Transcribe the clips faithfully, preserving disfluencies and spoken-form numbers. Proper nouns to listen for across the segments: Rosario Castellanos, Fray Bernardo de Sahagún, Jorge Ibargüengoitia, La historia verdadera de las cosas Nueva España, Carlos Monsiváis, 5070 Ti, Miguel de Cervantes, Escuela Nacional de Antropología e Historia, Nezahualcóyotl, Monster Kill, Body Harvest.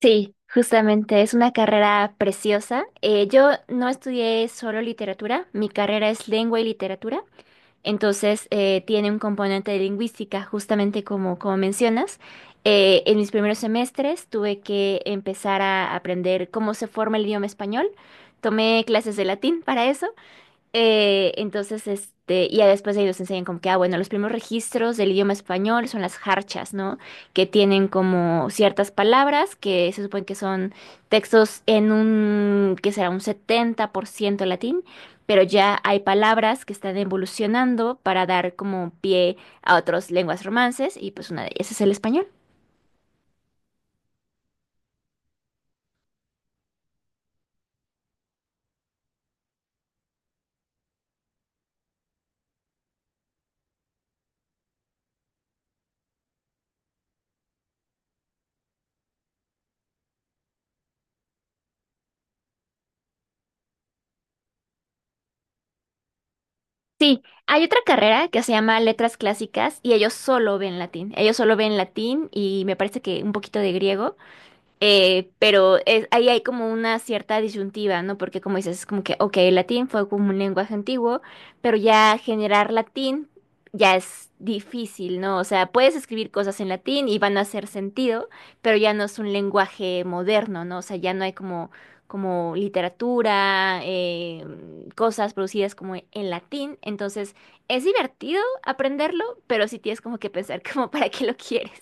Sí, justamente es una carrera preciosa. Eh, yo no estudié solo literatura, mi carrera es lengua y literatura, entonces eh, tiene un componente de lingüística, justamente como, como mencionas. Eh, en mis primeros semestres tuve que empezar a aprender cómo se forma el idioma español. Tomé clases de latín para eso eh, entonces, este, y ya después de ellos enseñan como que, ah, bueno, los primeros registros del idioma español son las jarchas, ¿no? Que tienen como ciertas palabras que se supone que son textos en un, que será un setenta por ciento latín, pero ya hay palabras que están evolucionando para dar como pie a otras lenguas romances y pues una de ellas es el español. Sí, hay otra carrera que se llama Letras Clásicas y ellos solo ven latín. Ellos solo ven latín y me parece que un poquito de griego. Eh, pero es- ahí hay como una cierta disyuntiva, ¿no? Porque como dices, es como que, ok, el latín fue como un lenguaje antiguo, pero ya generar latín ya es difícil, ¿no? O sea, puedes escribir cosas en latín y van a hacer sentido, pero ya no es un lenguaje moderno, ¿no? O sea, ya no hay como, como literatura, eh, cosas producidas como en latín. Entonces, es divertido aprenderlo, pero sí tienes como que pensar como para qué lo quieres.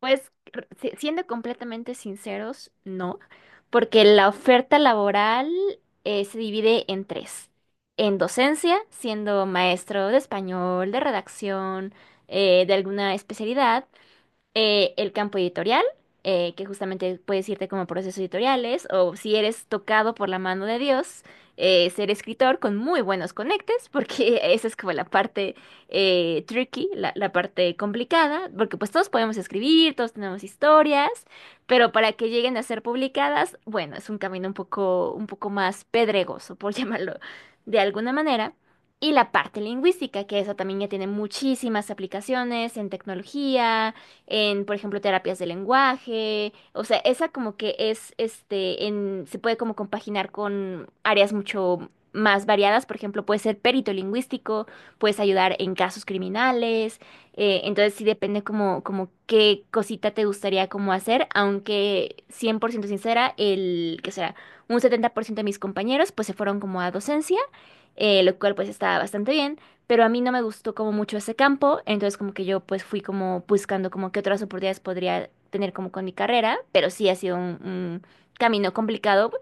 Pues r- si- siendo completamente sinceros, no, porque la oferta laboral eh, se divide en tres. En docencia, siendo maestro de español, de redacción, eh, de alguna especialidad, eh, el campo editorial, eh, que justamente puedes irte como procesos editoriales, o si eres tocado por la mano de Dios, eh, ser escritor con muy buenos conectes, porque esa es como la parte eh, tricky, la, la parte complicada, porque pues todos podemos escribir, todos tenemos historias, pero para que lleguen a ser publicadas, bueno, es un camino un poco, un poco más pedregoso, por llamarlo de alguna manera. Y la parte lingüística, que esa también ya tiene muchísimas aplicaciones en tecnología, en, por ejemplo, terapias de lenguaje, o sea, esa como que es, este, en, se puede como compaginar con áreas mucho más variadas, por ejemplo, puede ser perito lingüístico, puedes ayudar en casos criminales, eh, entonces sí depende como, como qué cosita te gustaría como hacer, aunque cien por ciento sincera, el, que será, un setenta por ciento de mis compañeros pues se fueron como a docencia, eh, lo cual pues está bastante bien pero a mí no me gustó como mucho ese campo, entonces como que yo pues fui como buscando como qué otras oportunidades podría tener como con mi carrera, pero sí ha sido un, un camino complicado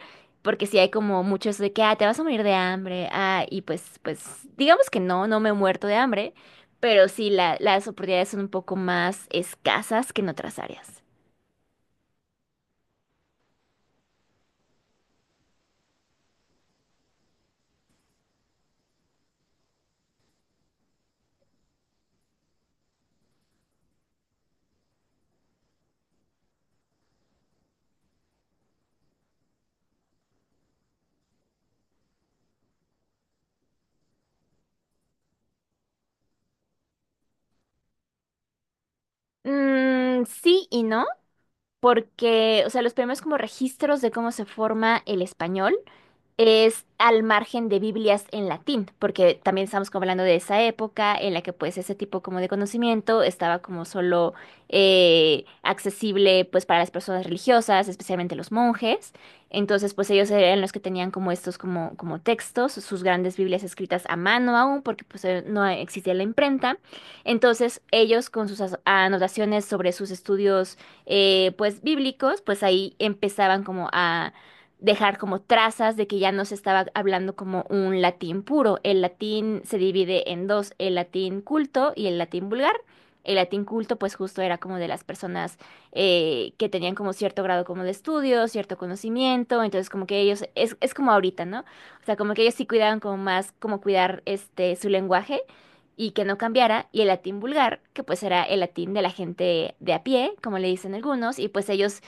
porque sí hay como mucho eso de que, ah, te vas a morir de hambre, ah, y pues, pues digamos que no, no me he muerto de hambre, pero sí la- las oportunidades son un poco más escasas que en otras áreas. Mm, sí y no, porque, o sea, los primeros como registros de cómo se forma el español. es al margen de Biblias en latín, porque también estamos como hablando de esa época en la que pues ese tipo como de conocimiento estaba como solo eh, accesible pues para las personas religiosas, especialmente los monjes. Entonces pues ellos eran los que tenían como estos como, como textos, sus grandes Biblias escritas a mano aún, porque pues eh, no existía la imprenta. Entonces ellos con sus as- anotaciones sobre sus estudios eh, pues bíblicos, pues ahí empezaban como dejar como trazas de que ya no se estaba hablando como un latín puro. El latín se divide en dos, el latín culto y el latín vulgar. El latín culto pues justo era como de las personas eh, que tenían como cierto grado como de estudio, cierto conocimiento, entonces como que ellos, es, es como ahorita, ¿no? O sea, como que ellos sí cuidaban como más, como cuidar este su lenguaje y que no cambiara, y el latín vulgar, que pues era el latín de la gente de a pie, como le dicen algunos, y pues ellos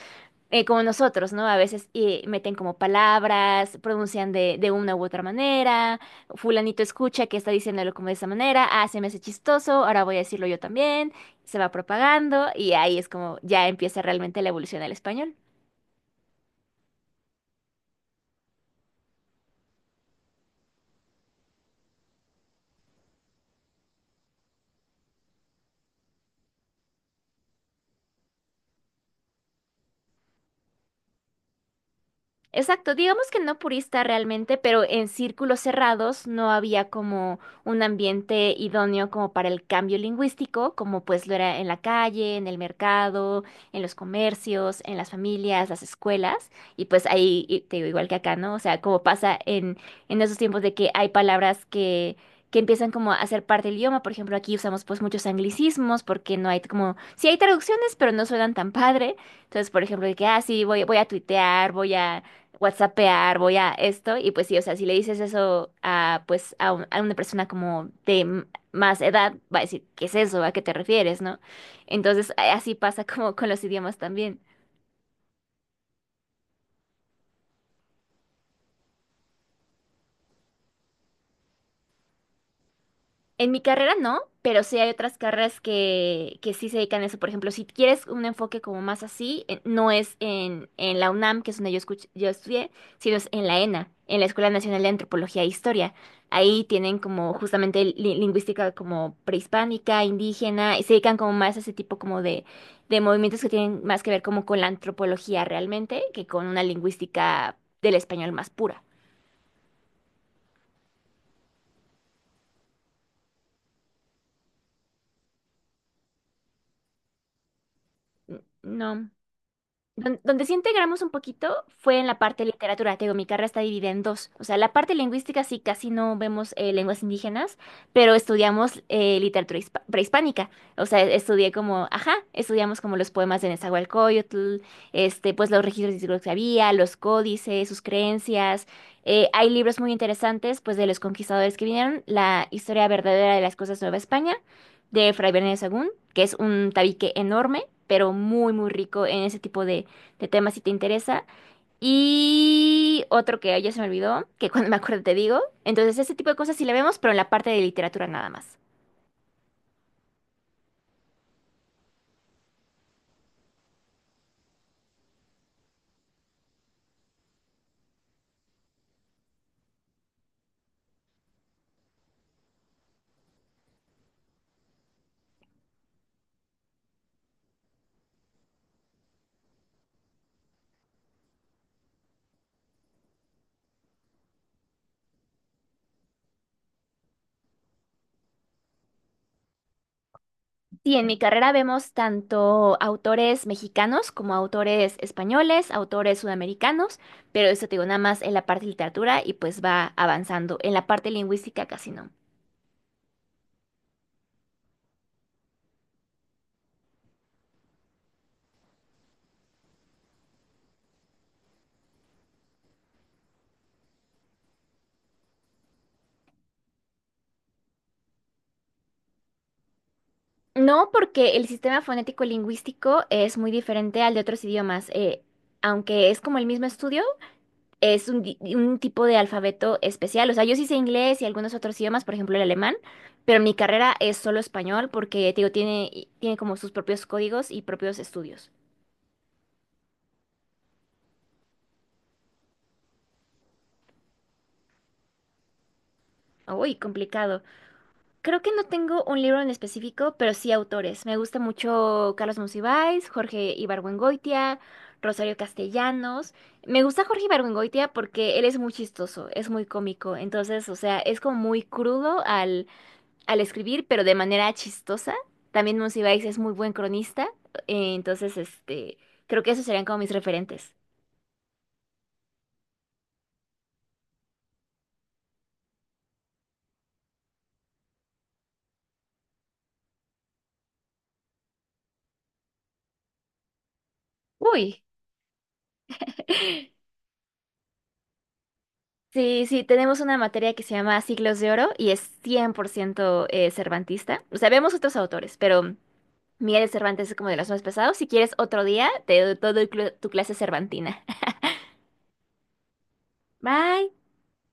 eh, como nosotros, ¿no? A veces eh, meten como palabras, pronuncian de, de una u otra manera, fulanito escucha que está diciéndolo como de esa manera, ah, se me hace chistoso, ahora voy a decirlo yo también, se va propagando y ahí es como ya empieza realmente la evolución del español. Exacto, digamos que no purista realmente, pero en círculos cerrados no había como un ambiente idóneo como para el cambio lingüístico, como pues lo era en la calle, en el mercado, en los comercios, en las familias, las escuelas, y pues ahí, y te digo, igual que acá, ¿no? O sea, como pasa en, en esos tiempos de que hay palabras que, que empiezan como a ser parte del idioma, por ejemplo, aquí usamos pues muchos anglicismos porque no hay como, sí hay traducciones, pero no suenan tan padre, entonces, por ejemplo, de que, ah, sí, voy, voy a tuitear, voy a WhatsAppear, voy a esto, y pues sí, o sea, si le dices eso a, pues, a, un- a una persona como de m- más edad, va a decir, ¿qué es eso? ¿A qué te refieres? ¿No? Entonces, a- así pasa como con los idiomas también. En mi carrera no, pero sí hay otras carreras que, que sí se dedican a eso. Por ejemplo, si quieres un enfoque como más así, eh, no es en, en la UNAM, que es donde yo, escuch- yo estudié, sino es en la ENA, en la Escuela Nacional de Antropología e Historia. Ahí tienen como justamente li- lingüística como prehispánica, indígena, y se dedican como más a ese tipo como de, de movimientos que tienen más que ver como con la antropología realmente que con una lingüística del español más pura. N- No. Don- Donde sí integramos un poquito fue en la parte de literatura. Te digo, mi carrera está dividida en dos. O sea, la parte lingüística sí casi no vemos eh, lenguas indígenas, pero estudiamos eh, literatura hispa- prehispánica. O sea, estudié como, ajá, estudiamos como los poemas de Nezahualcóyotl, este, pues los registros históricos que había, los códices, sus creencias. Eh, hay libros muy interesantes, pues de los conquistadores que vinieron, La historia verdadera de las cosas Nueva España, de Fray Bernardo de Sahagún, que es un tabique enorme, pero muy, muy rico en ese tipo de de tema si te interesa. Y otro que ya se me olvidó, que cuando me acuerdo te digo. Entonces, ese tipo de cosas sí la vemos, pero en la parte de literatura nada más. Sí, en mi carrera vemos tanto autores mexicanos como autores españoles, autores sudamericanos, pero eso te digo nada más en la parte de literatura y pues va avanzando. En la parte lingüística casi no. No, porque el sistema fonético lingüístico es muy diferente al de otros idiomas. eh, aunque es como el mismo estudio, es un, di- un tipo de alfabeto especial. O sea, yo sí sé inglés y algunos otros idiomas, por ejemplo el alemán, pero mi carrera es solo español porque, te digo, tiene, tiene como sus propios códigos y propios estudios. Uy, complicado. Creo que no tengo un libro en específico, pero sí autores. Me gusta mucho Carlos Monsiváis, Jorge Ibargüengoitia, Rosario Castellanos. Me gusta Jorge Ibargüengoitia porque él es muy chistoso, es muy cómico. Entonces, o sea, es como muy crudo al escribir, pero de manera chistosa. También Monsiváis es muy buen cronista, eh, entonces este, creo que esos serían como mis referentes. Uy, sí, sí, tenemos una materia que se llama Siglos de Oro y es cien por ciento eh, cervantista. O sea, vemos otros autores, pero Miguel de Cervantes es como de los más pesados. Si quieres otro día, te doy todo tu clase cervantina. Bye.